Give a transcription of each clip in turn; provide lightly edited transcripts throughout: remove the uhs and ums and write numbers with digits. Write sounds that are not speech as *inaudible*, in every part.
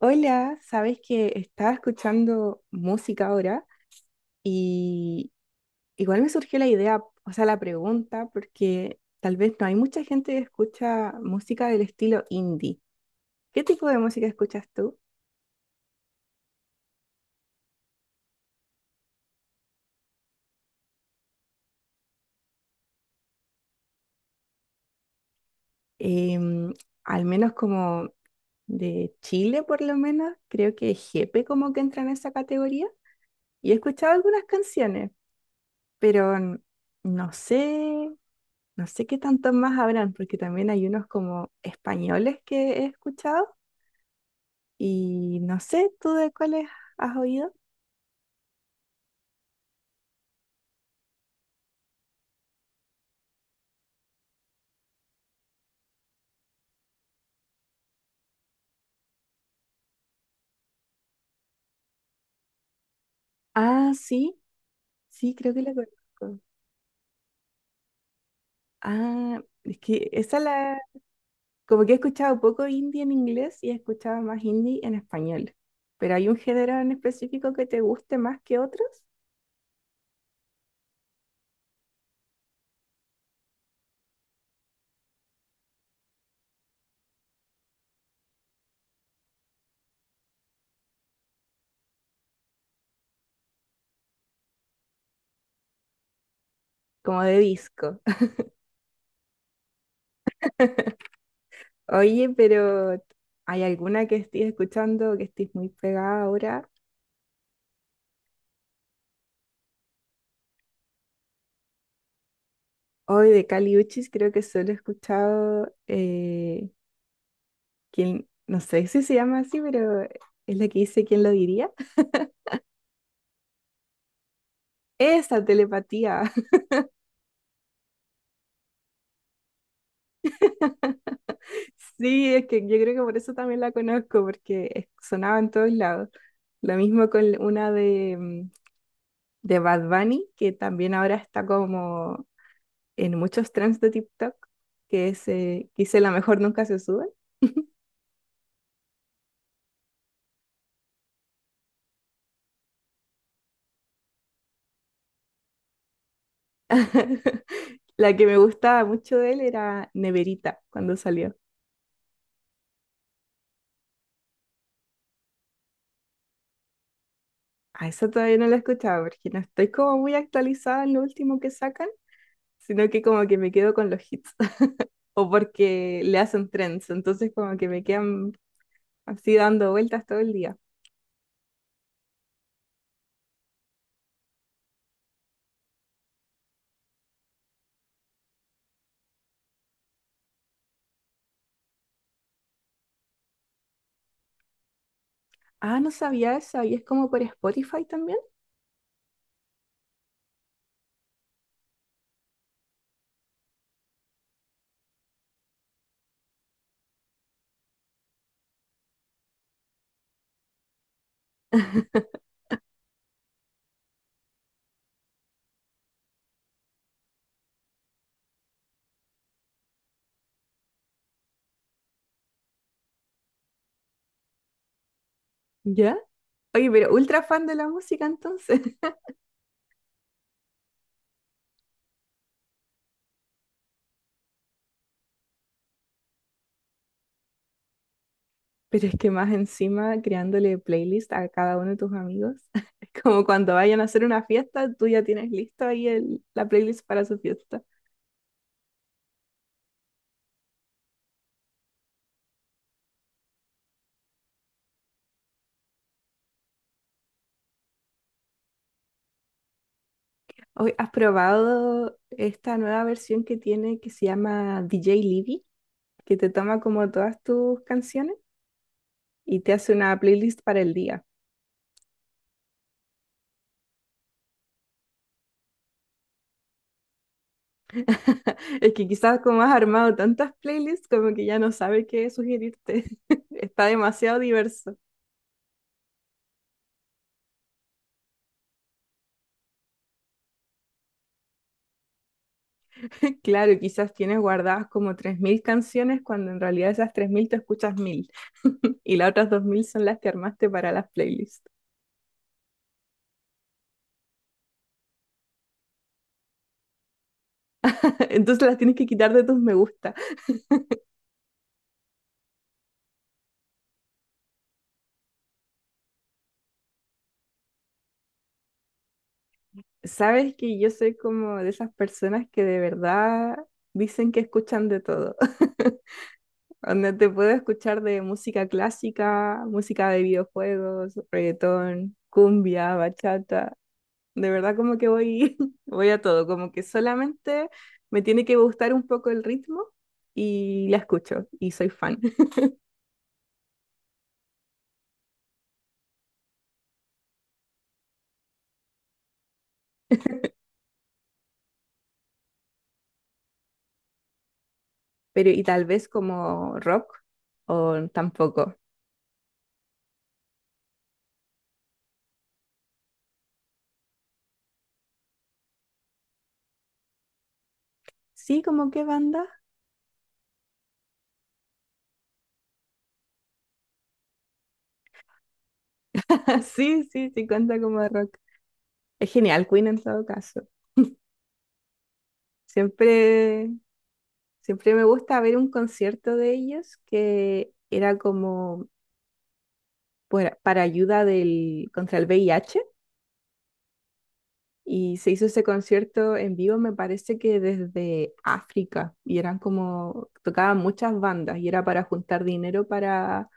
Hola, sabes que estaba escuchando música ahora y igual me surgió la idea, o sea, la pregunta, porque tal vez no hay mucha gente que escucha música del estilo indie. ¿Qué tipo de música escuchas tú? Em, Al menos como de Chile, por lo menos, creo que Jepe como que entra en esa categoría. Y he escuchado algunas canciones, pero no sé, no sé qué tantos más habrán, porque también hay unos como españoles que he escuchado. Y no sé, ¿tú de cuáles has oído? Ah, sí, sí, creo que la conozco. Ah, es que esa la... Como que he escuchado poco indie en inglés y he escuchado más indie en español. Pero hay un género en específico que te guste más que otros, como de disco. *laughs* Oye, pero ¿hay alguna que estés escuchando o que estés muy pegada ahora? Hoy de Kali Uchis creo que solo he escuchado quien, no sé si se llama así, pero es la que dice ¿Quién lo diría? Esa telepatía. *laughs* Sí, es que yo creo que por eso también la conozco, porque sonaba en todos lados. Lo mismo con una de, de Bad Bunny, que también ahora está como en muchos trends de TikTok, que es Quise la mejor nunca se sube. *laughs* La que me gustaba mucho de él era Neverita, cuando salió. A esa todavía no la he escuchado, porque no estoy como muy actualizada en lo último que sacan, sino que como que me quedo con los hits o porque le hacen trends. Entonces como que me quedan así dando vueltas todo el día. Ah, no sabía eso. ¿Y es como por Spotify también? ¿Ya? Oye, pero ultra fan de la música entonces. *laughs* Pero es que más encima creándole playlist a cada uno de tus amigos. *laughs* Es como cuando vayan a hacer una fiesta, tú ya tienes listo ahí la playlist para su fiesta. Oye, ¿has probado esta nueva versión que tiene que se llama DJ Libby? Que te toma como todas tus canciones y te hace una playlist para el día. *laughs* Es que quizás como has armado tantas playlists, como que ya no sabe qué sugerirte. *laughs* Está demasiado diverso. Claro, quizás tienes guardadas como 3.000 canciones cuando en realidad esas 3.000 te escuchas 1.000 *laughs* y las otras 2.000 son las que armaste para las playlists. *laughs* Entonces las tienes que quitar de tus me gusta. Sabes que yo soy como de esas personas que de verdad dicen que escuchan de todo. *laughs* Donde te puedo escuchar de música clásica, música de videojuegos, reggaetón, cumbia, bachata. De verdad como que voy, *laughs* voy a todo, como que solamente me tiene que gustar un poco el ritmo y la escucho y soy fan. *laughs* Pero y tal vez como rock o tampoco. Sí, como qué banda. *laughs* Sí, sí, sí cuenta como rock. Es genial, Queen en todo caso. Siempre, siempre me gusta ver un concierto de ellos que era como para ayuda del, contra el VIH y se hizo ese concierto en vivo, me parece que desde África y eran como, tocaban muchas bandas y era para juntar dinero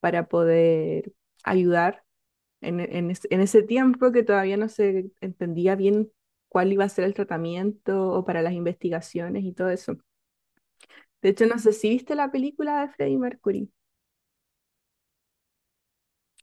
para poder ayudar en en ese tiempo que todavía no se entendía bien cuál iba a ser el tratamiento o para las investigaciones y todo eso. De hecho, no sé si viste la película de Freddie Mercury.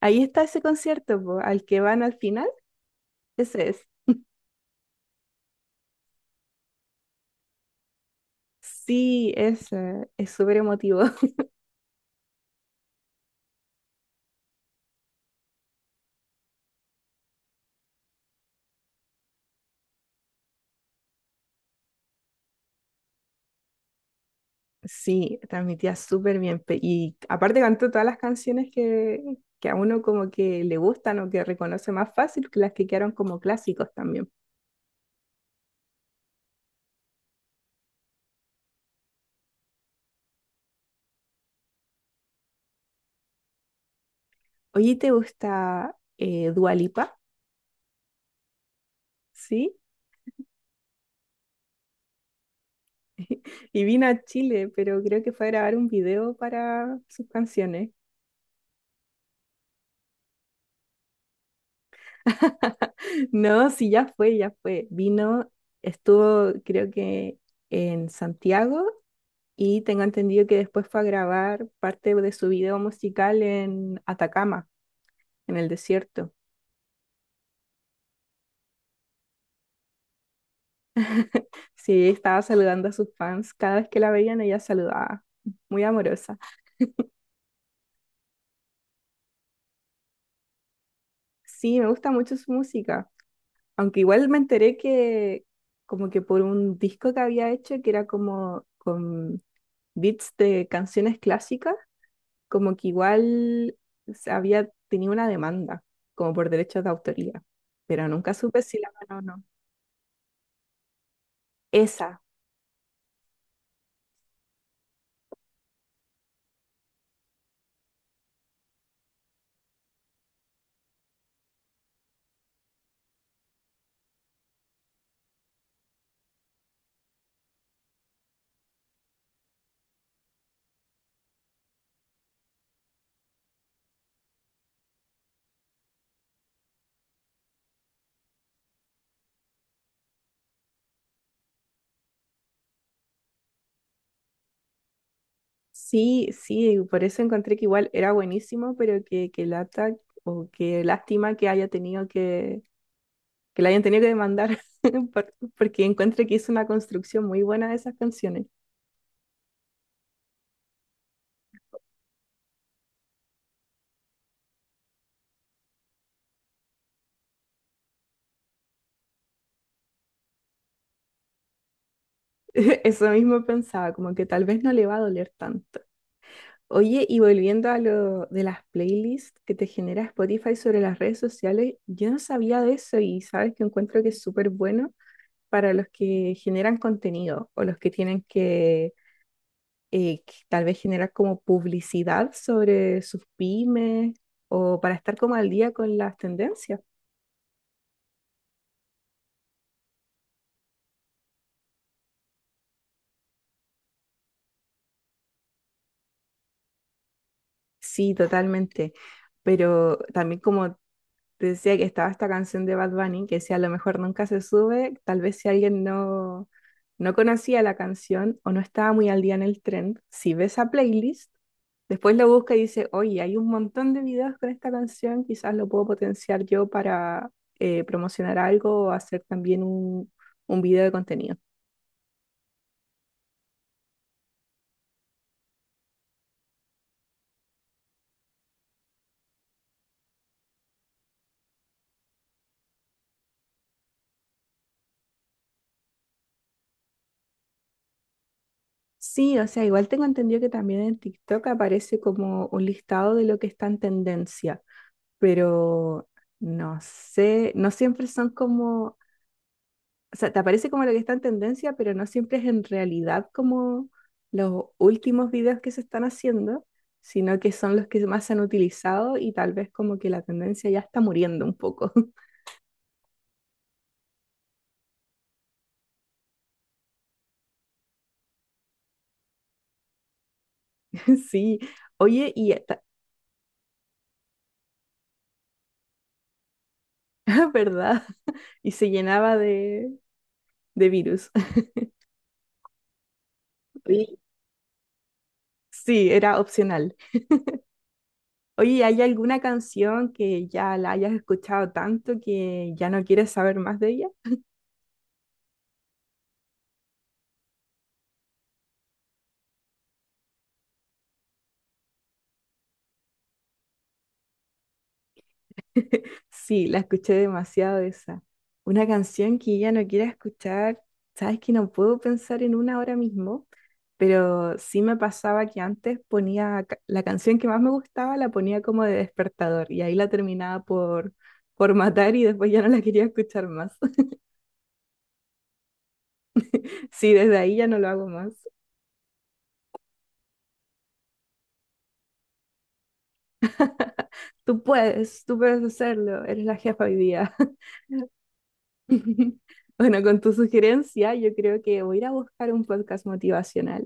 Ahí está ese concierto, po, al que van al final, ese es. Sí, es súper emotivo. *laughs* Sí, transmitía súper bien. Y aparte cantó todas las canciones que a uno como que le gustan o que reconoce más fácil que las que quedaron como clásicos también. Oye, ¿te gusta Dua Lipa? Sí. Y vino a Chile, pero creo que fue a grabar un video para sus canciones. *laughs* No, sí, ya fue, ya fue. Vino, estuvo creo que en Santiago y tengo entendido que después fue a grabar parte de su video musical en Atacama, en el desierto. Sí, estaba saludando a sus fans. Cada vez que la veían, ella saludaba. Muy amorosa. Sí, me gusta mucho su música. Aunque igual me enteré que como que por un disco que había hecho que era como con beats de canciones clásicas, como que igual se había tenido una demanda, como por derechos de autoría, pero nunca supe si la ganó o no. Esa. Sí, sí, por eso encontré que igual era buenísimo, pero que lata o que lástima que haya tenido que la hayan tenido que demandar, *laughs* porque encuentro que hizo una construcción muy buena de esas canciones. *laughs* Eso mismo pensaba, como que tal vez no le va a doler tanto. Oye, y volviendo a lo de las playlists que te genera Spotify sobre las redes sociales, yo no sabía de eso y sabes que encuentro que es súper bueno para los que generan contenido o los que tienen que tal vez generar como publicidad sobre sus pymes o para estar como al día con las tendencias. Sí, totalmente. Pero también como te decía que estaba esta canción de Bad Bunny, que decía a lo mejor nunca se sube, tal vez si alguien no, no conocía la canción o no estaba muy al día en el trend, si ves a playlist, después lo busca y dice, oye, hay un montón de videos con esta canción, quizás lo puedo potenciar yo para promocionar algo o hacer también un video de contenido. Sí, o sea, igual tengo entendido que también en TikTok aparece como un listado de lo que está en tendencia, pero no sé, no siempre son como, o sea, te aparece como lo que está en tendencia, pero no siempre es en realidad como los últimos videos que se están haciendo, sino que son los que más se han utilizado y tal vez como que la tendencia ya está muriendo un poco. *laughs* Sí, oye, y esta- *laughs* ¿verdad? Y se llenaba de virus. *laughs* Oye, sí, era opcional. Oye, ¿y ¿hay alguna canción que ya la hayas escuchado tanto que ya no quieres saber más de ella? *laughs* Sí, la escuché demasiado esa. Una canción que ya no quiera escuchar, sabes que no puedo pensar en una ahora mismo, pero sí me pasaba que antes ponía la canción que más me gustaba, la ponía como de despertador y ahí la terminaba por matar y después ya no la quería escuchar más. *laughs* Sí, desde ahí ya no lo hago más. *laughs* Tú puedes hacerlo, eres la jefa hoy día. *laughs* Bueno, con tu sugerencia, yo creo que voy a ir a buscar un podcast motivacional